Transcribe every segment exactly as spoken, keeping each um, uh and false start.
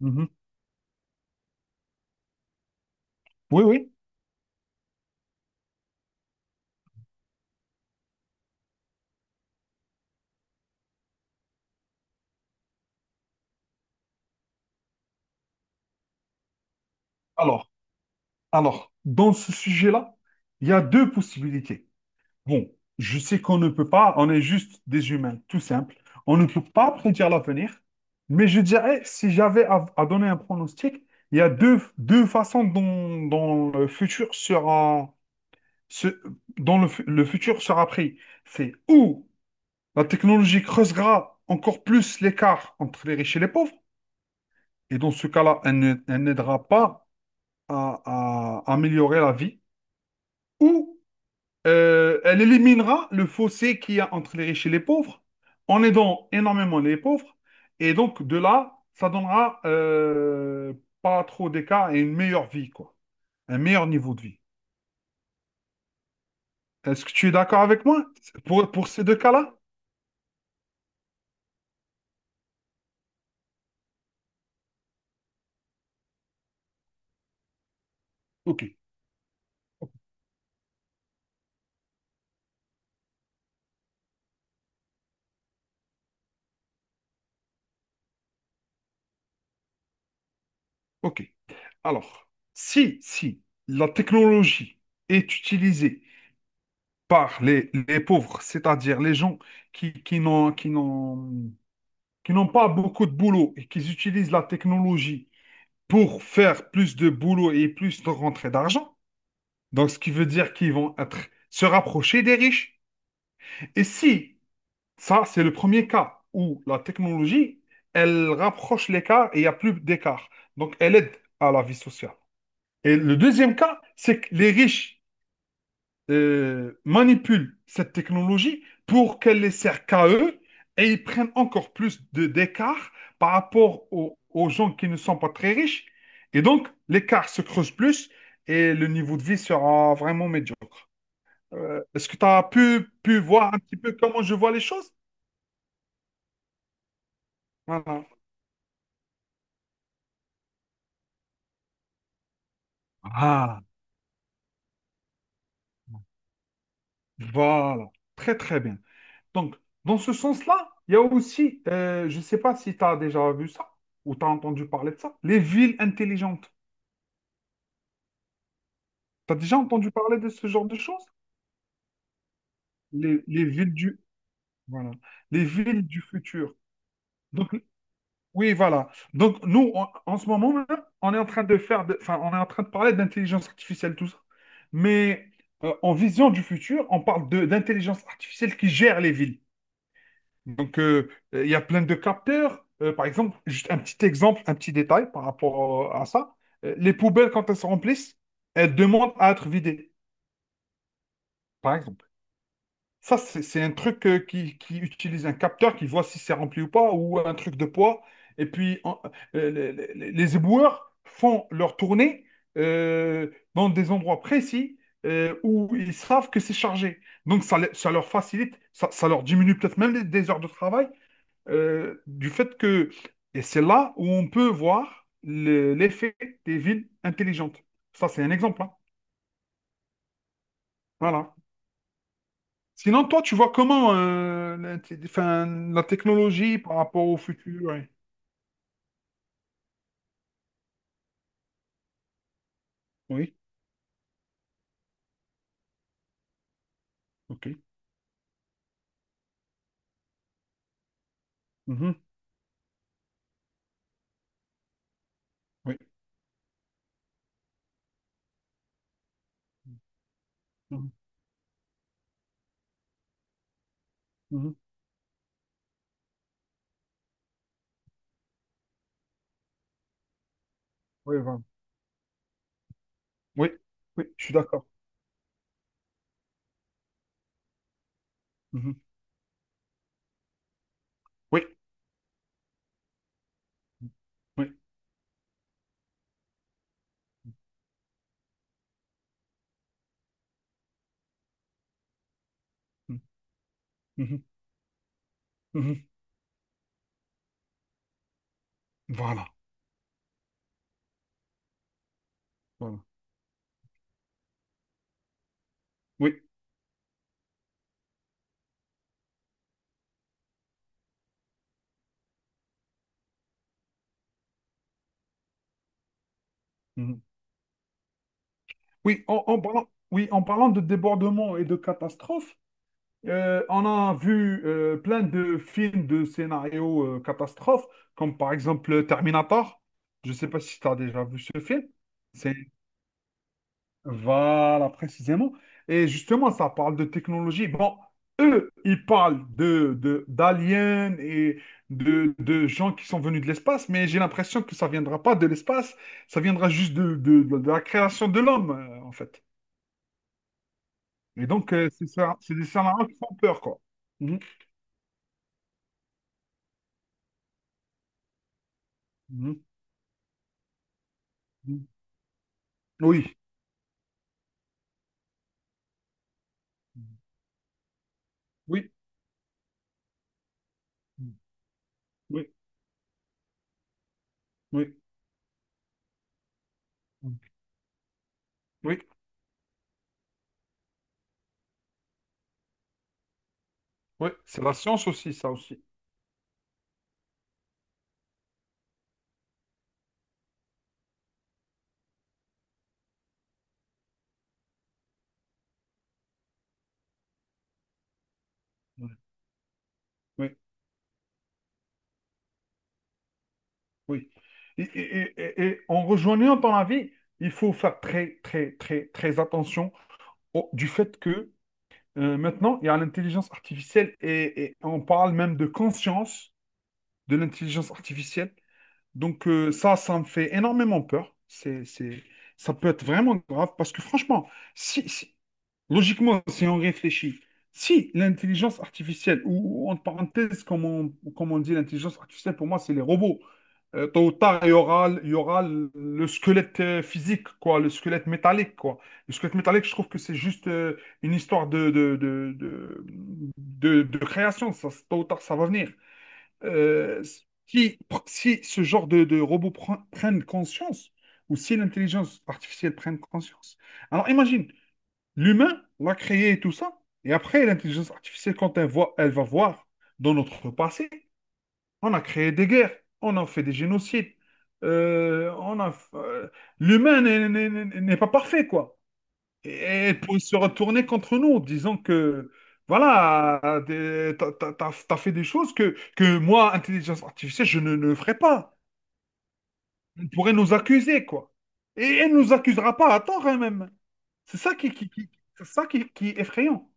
Mhm. Oui, oui. Alors, alors, dans ce sujet-là, il y a deux possibilités. Bon, je sais qu'on ne peut pas, on est juste des humains, tout simple. On ne peut pas prédire l'avenir, mais je dirais, si j'avais à, à donner un pronostic, il y a deux, deux façons dont, dont le futur sera, se, dont le, fu- le futur sera pris. C'est ou la technologie creusera encore plus l'écart entre les riches et les pauvres, et dans ce cas-là, elle ne- elle n'aidera pas à, à améliorer la vie, ou euh, elle éliminera le fossé qu'il y a entre les riches et les pauvres, en aidant énormément les pauvres, et donc de là, ça donnera euh, pas trop d'écart et une meilleure vie, quoi, un meilleur niveau de vie. Est-ce que tu es d'accord avec moi pour, pour ces deux cas-là? Ok, ok. Alors, si, si la technologie est utilisée par les, les pauvres, c'est-à-dire les gens qui, qui n'ont, qui n'ont qui n'ont pas beaucoup de boulot et qui utilisent la technologie pour faire plus de boulot et plus de rentrée d'argent. Donc, ce qui veut dire qu'ils vont être, se rapprocher des riches. Et si, ça, c'est le premier cas où la technologie, elle rapproche l'écart et il n'y a plus d'écart. Donc, elle aide à la vie sociale. Et le deuxième cas, c'est que les riches euh, manipulent cette technologie pour qu'elle les sert qu'à eux et ils prennent encore plus de d'écart par rapport aux, aux gens qui ne sont pas très riches. Et donc, l'écart se creuse plus et le niveau de vie sera vraiment médiocre. Euh, est-ce que tu as pu, pu voir un petit peu comment je vois les choses? Voilà. Ah, voilà, très très bien. Donc, dans ce sens-là, il y a aussi, euh, je ne sais pas si tu as déjà vu ça ou tu as entendu parler de ça, les villes intelligentes. T'as déjà entendu parler de ce genre de choses? Les, les villes du, voilà, les villes du futur. Donc, oui, voilà. Donc, nous, on- en ce moment même, on est en train de faire, de- enfin, on est en train de parler d'intelligence artificielle, tout ça. Mais euh, en vision du futur, on parle de d'intelligence artificielle qui gère les villes. Donc, euh, euh, il y a plein de capteurs. Euh, par exemple, juste un petit exemple, un petit détail par rapport euh, à ça. Euh, les poubelles, quand elles se remplissent, elles demandent à être vidées, par exemple. Ça, c'est c'est un truc euh, qui, qui utilise un capteur qui voit si c'est rempli ou pas, ou un truc de poids. Et puis, en- euh, les, les- les éboueurs font leur tournée euh, dans des endroits précis euh, où ils savent que c'est chargé. Donc, ça, le- ça leur facilite, ça, ça leur diminue peut-être même les- des heures de travail euh, du fait que... Et c'est là où on peut voir le- l'effet des villes intelligentes. Ça, c'est un exemple, hein. Voilà. Sinon, toi, tu vois comment euh, la, t- enfin, la technologie par rapport au futur, ouais. Oui, ok. Mhm. Oui. Mhm, mhm. Oui, voilà. Oui, oui, je suis d'accord. Mhm. Oui, oui. Mhm, mhm, mhm. Voilà, voilà. Oui. Mhm. Oui, en, en parlant, oui, en parlant de débordement et de catastrophes, euh, on a vu euh, plein de films de scénarios euh, catastrophes, comme par exemple Terminator. Je ne sais pas si tu as déjà vu ce film. Voilà, précisément. Et justement, ça parle de technologie. Bon, eux, ils parlent de, de- d'aliens et de, de gens qui sont venus de l'espace, mais j'ai l'impression que ça viendra pas de l'espace, ça viendra juste de, de- de la création de l'homme, euh, en fait. Et donc, euh, c'est ça, c'est des scénarios qui font peur, quoi. Mhm, mhm, mhm. Oui, oui, oui, oui, oui, oui. C'est la science aussi, ça aussi. Oui. Oui. Et, et- et- et en rejoignant ton avis, il faut faire très, très, très, très attention au- du fait que euh, maintenant, il y a l'intelligence artificielle et, et on parle même de conscience de l'intelligence artificielle. Donc euh, ça, ça me fait énormément peur. C'est, c'est, ça peut être vraiment grave parce que franchement, si, si- Logiquement, si on réfléchit, si l'intelligence artificielle, ou ou en parenthèse, comme on, comme on dit, l'intelligence artificielle, pour moi, c'est les robots. Euh, tôt ou tard, il y aura, il y aura le le squelette euh, physique, quoi, le squelette métallique, quoi. Le squelette métallique, je trouve que c'est juste euh, une histoire de, de, de, de, de- de création. Ça, c'est- tôt ou tard, ça va venir. Euh, Si, si ce genre de, de robots pre- prennent conscience, ou si l'intelligence artificielle prenne conscience, alors imagine. L'humain l'a créé et tout ça. Et après, l'intelligence artificielle, quand elle, voit, elle va voir dans notre passé, on a créé des guerres, on a fait des génocides, euh, on a, euh, l'humain n'est n'est- n'est- n'est pas parfait, quoi. Et elle pourrait se retourner contre nous, disant que, voilà, des- t'as, t'as- t'as- t'as fait des choses que, que moi, intelligence artificielle, je ne, ne ferai pas. Elle pourrait nous accuser, quoi. Et elle ne nous accusera pas à tort, elle-même. C'est ça qui, qui, qui- c'est ça qui, qui est effrayant.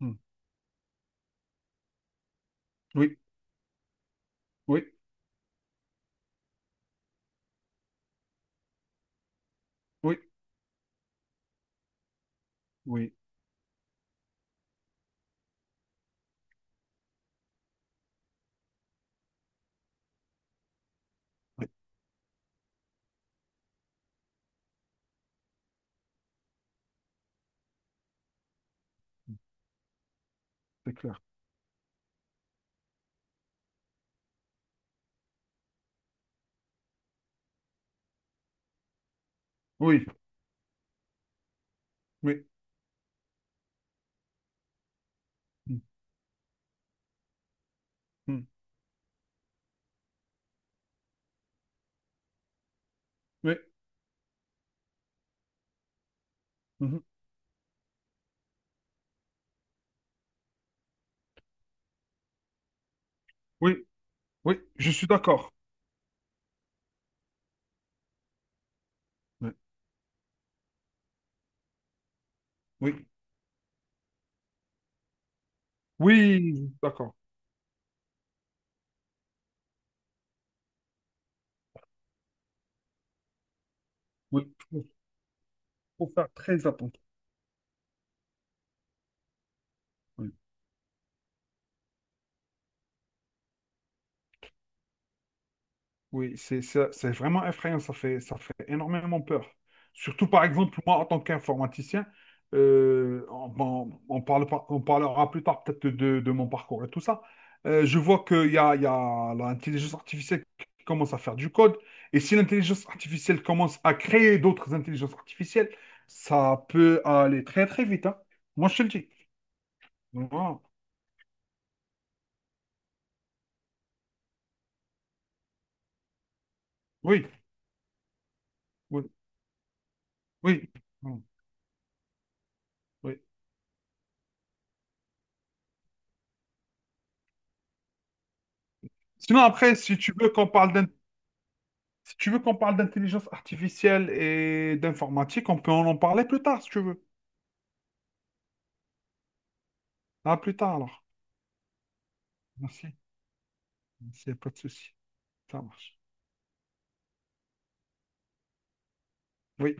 Hmm. Oui, oui, oui, oui, oui, c'est clair. Oui, oui, hmm, hmm, oui, mhm, oui, oui, je suis d'accord. Oui, oui, oui, d'accord. Oui, faut faut faire très attention. Oui, c'est ça- c'est vraiment effrayant, ça fait, ça fait énormément peur. Surtout, par exemple, moi, en tant qu'informaticien, euh, on, bon, on parle, pas- on parlera plus tard peut-être de, de mon parcours et tout ça. Euh, je vois qu'il y a, il y a l'intelligence artificielle qui commence à faire du code. Et si l'intelligence artificielle commence à créer d'autres intelligences artificielles, ça peut aller très, très vite, hein. Moi, je te le dis. Voilà. Oui, oui, oui. Oui. Sinon, après, si tu veux qu'on parle Si tu veux qu'on parle d'intelligence artificielle et d'informatique, on peut en en parler plus tard si tu veux. À plus tard alors. Merci. Merci, y a pas de souci. Ça marche. Oui.